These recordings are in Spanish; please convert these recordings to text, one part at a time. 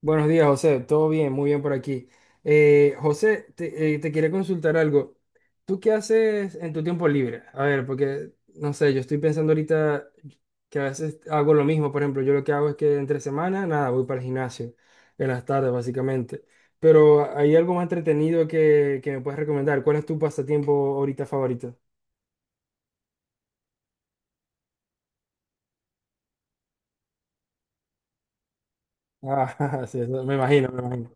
Buenos días, José. Todo bien, muy bien por aquí. José, te quería consultar algo. ¿Tú qué haces en tu tiempo libre? A ver, porque, no sé, yo estoy pensando ahorita que a veces hago lo mismo. Por ejemplo, yo lo que hago es que entre semana, nada, voy para el gimnasio en las tardes, básicamente. Pero hay algo más entretenido que me puedes recomendar. ¿Cuál es tu pasatiempo ahorita favorito? Ah, sí, eso me imagino, me imagino.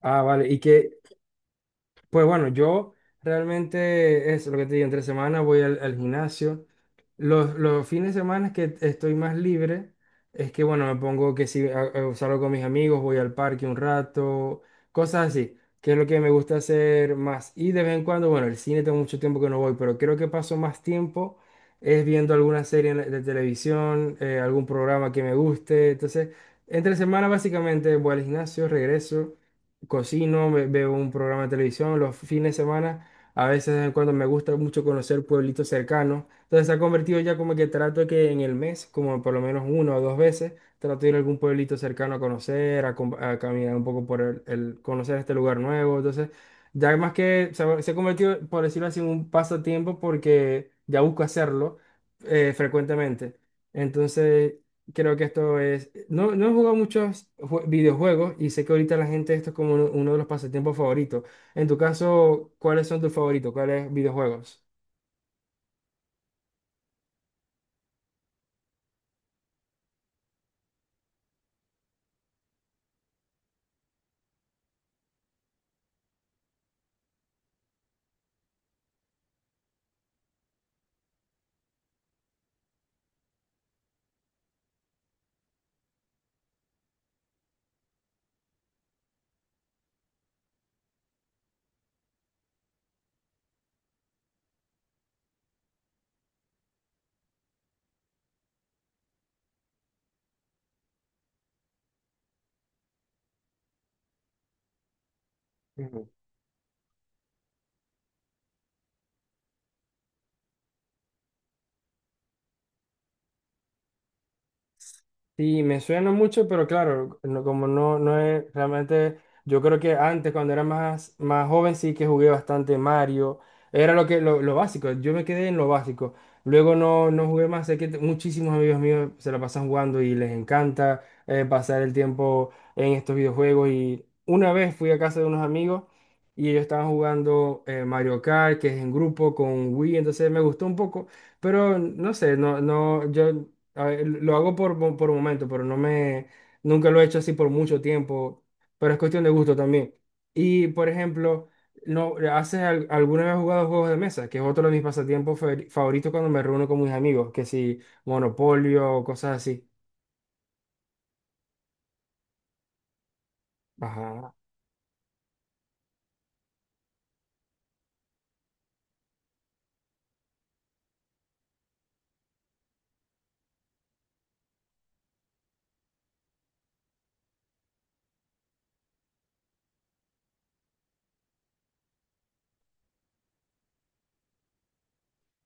Ah, vale. ¿Y qué? Pues bueno, yo realmente es lo que te digo, entre semana voy al gimnasio. Los fines de semana que estoy más libre, es que bueno, me pongo que si salgo con mis amigos, voy al parque un rato, cosas así, que es lo que me gusta hacer más. Y de vez en cuando, bueno, el cine tengo mucho tiempo que no voy, pero creo que paso más tiempo es viendo alguna serie en de televisión, algún programa que me guste. Entonces, entre semana básicamente voy al gimnasio, regreso, cocino, veo un programa de televisión los fines de semana. A veces de vez en cuando me gusta mucho conocer pueblitos cercanos. Entonces se ha convertido ya como que trato de que en el mes, como por lo menos una o dos veces, trato de ir a algún pueblito cercano a conocer, a, a caminar un poco por conocer este lugar nuevo. Entonces, ya más se ha convertido, por decirlo así, en un pasatiempo porque ya busco hacerlo frecuentemente. Entonces, creo que esto es. No, no he jugado muchos videojuegos y sé que ahorita la gente esto es como uno de los pasatiempos favoritos. En tu caso, ¿cuáles son tus favoritos? ¿Cuáles videojuegos? Sí, me suena mucho, pero claro, como no, no es realmente, yo creo que antes cuando era más joven sí que jugué bastante Mario, era lo que lo básico, yo me quedé en lo básico, luego no, no jugué más, sé que muchísimos amigos míos se la pasan jugando y les encanta pasar el tiempo en estos videojuegos, y una vez fui a casa de unos amigos y ellos estaban jugando Mario Kart, que es en grupo con Wii, entonces me gustó un poco. Pero no sé, no, no, yo a ver, lo hago por, por momento, pero no me, nunca lo he hecho así por mucho tiempo, pero es cuestión de gusto también. Y, por ejemplo, no, ¿haces alguna vez has jugado juegos de mesa? Que es otro de mis pasatiempos favoritos cuando me reúno con mis amigos, que si Monopolio o cosas así. Ajá.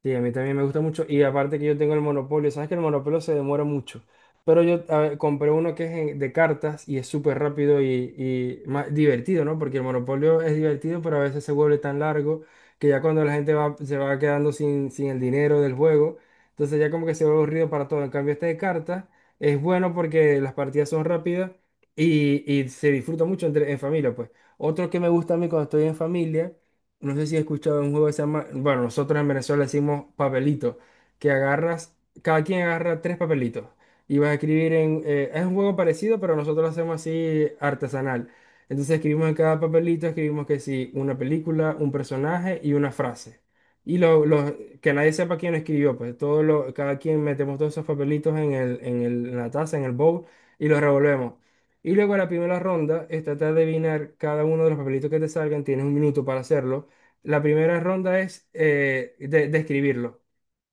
Sí, a mí también me gusta mucho. Y aparte que yo tengo el monopolio, sabes que el monopolio se demora mucho. Pero yo a ver, compré uno que es de cartas y es súper rápido y más divertido, ¿no? Porque el monopolio es divertido, pero a veces se vuelve tan largo que ya cuando la gente va, se va quedando sin, sin el dinero del juego, entonces ya como que se vuelve aburrido para todo. En cambio, este de cartas es bueno porque las partidas son rápidas y se disfruta mucho en familia, pues. Otro que me gusta a mí cuando estoy en familia. No sé si has escuchado un juego que se llama, bueno, nosotros en Venezuela decimos papelito, que agarras, cada quien agarra tres papelitos y vas a escribir en, es un juego parecido, pero nosotros lo hacemos así artesanal. Entonces escribimos en cada papelito, escribimos que sí, una película, un personaje y una frase. Y que nadie sepa quién escribió, pues todo lo, cada quien metemos todos esos papelitos en en la taza, en el bowl, y los revolvemos. Y luego la primera ronda es tratar de adivinar cada uno de los papelitos que te salgan, tienes un minuto para hacerlo. La primera ronda es describirlo.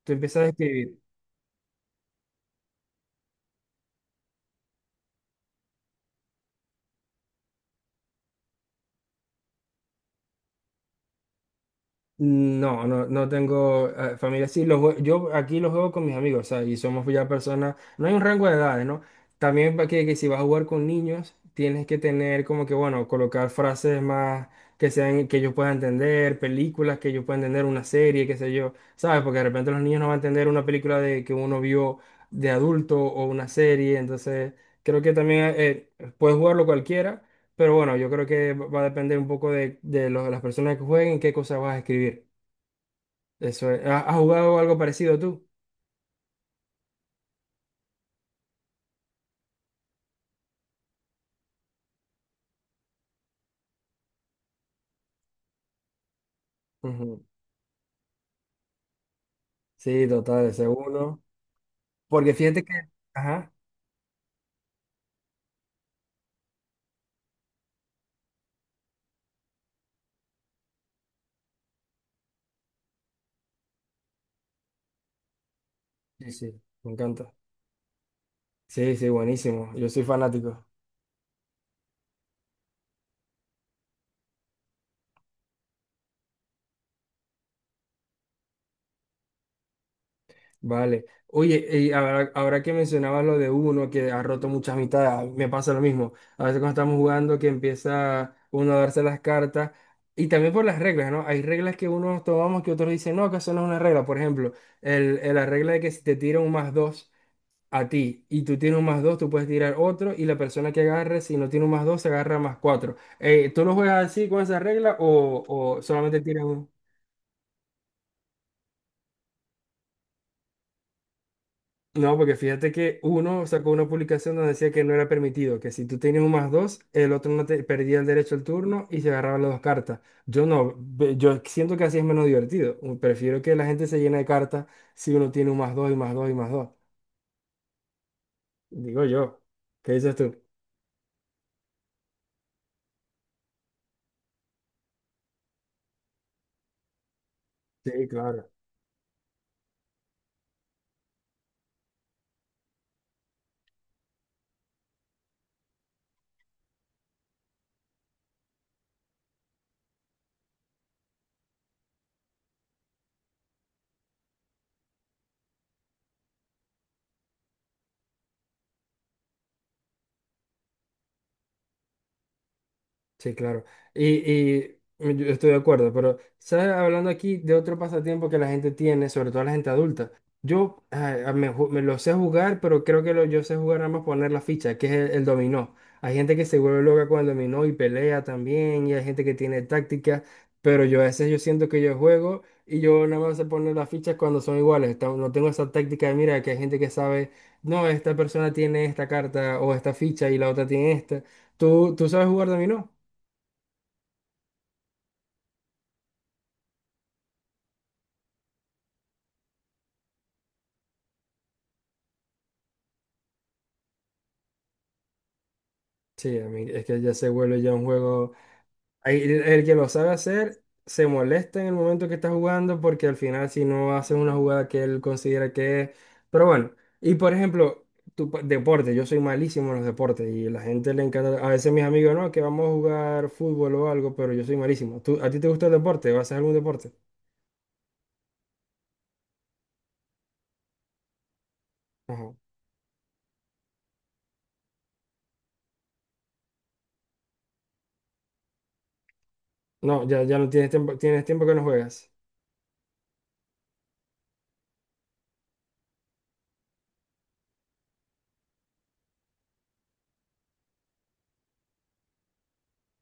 Tú empiezas a describir. No, no, no tengo familia. Sí, los yo aquí los juego con mis amigos, o sea, y somos ya personas. No hay un rango de edades, ¿no? También para que si vas a jugar con niños, tienes que tener como que, bueno, colocar frases más que sean que ellos puedan entender, películas que ellos puedan entender, una serie, qué sé yo, ¿sabes? Porque de repente los niños no van a entender una película de que uno vio de adulto o una serie, entonces creo que también puedes jugarlo cualquiera. Pero bueno, yo creo que va a depender un poco de las personas que jueguen, qué cosas vas a escribir. Eso es. Has jugado algo parecido tú? Ujú. Sí, total, ese uno. Porque fíjate que... Ajá. Sí, sí, me encanta. Sí, sí, buenísimo. Yo soy fanático. Vale. Oye, y ahora, ahora que mencionabas lo de uno que ha roto muchas mitades, a mí me pasa lo mismo. A veces cuando estamos jugando que empieza uno a darse las cartas y también por las reglas, ¿no? Hay reglas que unos tomamos que otros dicen, no, que eso no es una regla. Por ejemplo, la regla de que si te tira un más dos a ti y tú tienes un más dos, tú puedes tirar otro y la persona que agarre, si no tiene un más dos, se agarra más cuatro. ¿Tú lo juegas así con esa regla o solamente tiras un... No, porque fíjate que uno sacó una publicación donde decía que no era permitido, que si tú tenías un más dos, el otro no te perdía el derecho al turno y se agarraban las dos cartas. Yo no, yo siento que así es menos divertido. Prefiero que la gente se llene de cartas si uno tiene un más dos y más dos y más dos. Digo yo. ¿Qué dices tú? Sí, claro. Sí, claro. Y yo estoy de acuerdo, pero, ¿sabes? Hablando aquí de otro pasatiempo que la gente tiene, sobre todo la gente adulta. Yo ay, a- me, ju- me lo sé jugar, pero creo que lo, yo sé jugar nada más poner la ficha, que es el dominó. Hay gente que se vuelve loca con el dominó y pelea también, y hay gente que tiene táctica, pero yo a veces yo siento que yo juego y yo nada más sé poner las fichas cuando son iguales. No tengo esa táctica de, mira, que hay gente que sabe, no, esta persona tiene esta carta o esta ficha y la otra tiene esta. Tú sabes jugar dominó? Sí, a mí es que ya se vuelve ya un juego. Ahí el que lo sabe hacer se molesta en el momento que está jugando porque al final si no hace una jugada que él considera que es. Pero bueno, y por ejemplo, deporte, yo soy malísimo en los deportes y la gente le encanta. A veces mis amigos, no, que vamos a jugar fútbol o algo, pero yo soy malísimo. ¿Tú, a ti te gusta el deporte? ¿Vas a hacer algún deporte? Ajá. No, ya, ya no tienes tiempo, tienes tiempo que no juegas.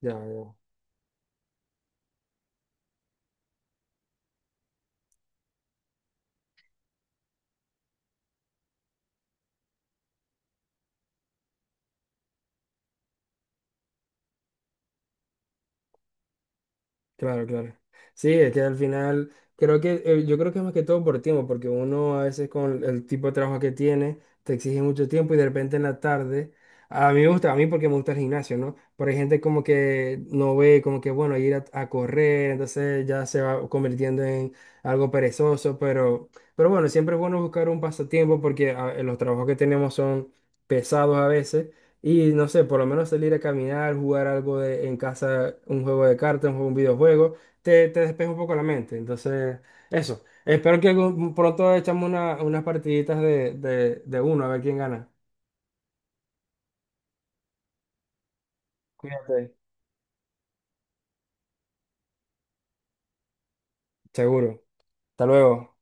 Ya, ya. Claro, claro. Sí, es que al final, creo que, yo creo que es más que todo por tiempo, porque uno a veces con el tipo de trabajo que tiene, te exige mucho tiempo y de repente en la tarde, a mí me gusta, a mí porque me gusta el gimnasio, ¿no? Pero hay gente como que no ve, como que, bueno, ir a correr, entonces ya se va convirtiendo en algo perezoso, pero bueno, siempre es bueno buscar un pasatiempo porque los trabajos que tenemos son pesados a veces. Y no sé, por lo menos salir a caminar, jugar algo de, en casa, un juego de cartas, un juego, un videojuego, te despeja un poco la mente. Entonces, eso. Espero que pronto echamos unas partiditas de uno, a ver quién gana. Cuídate. Seguro. Hasta luego.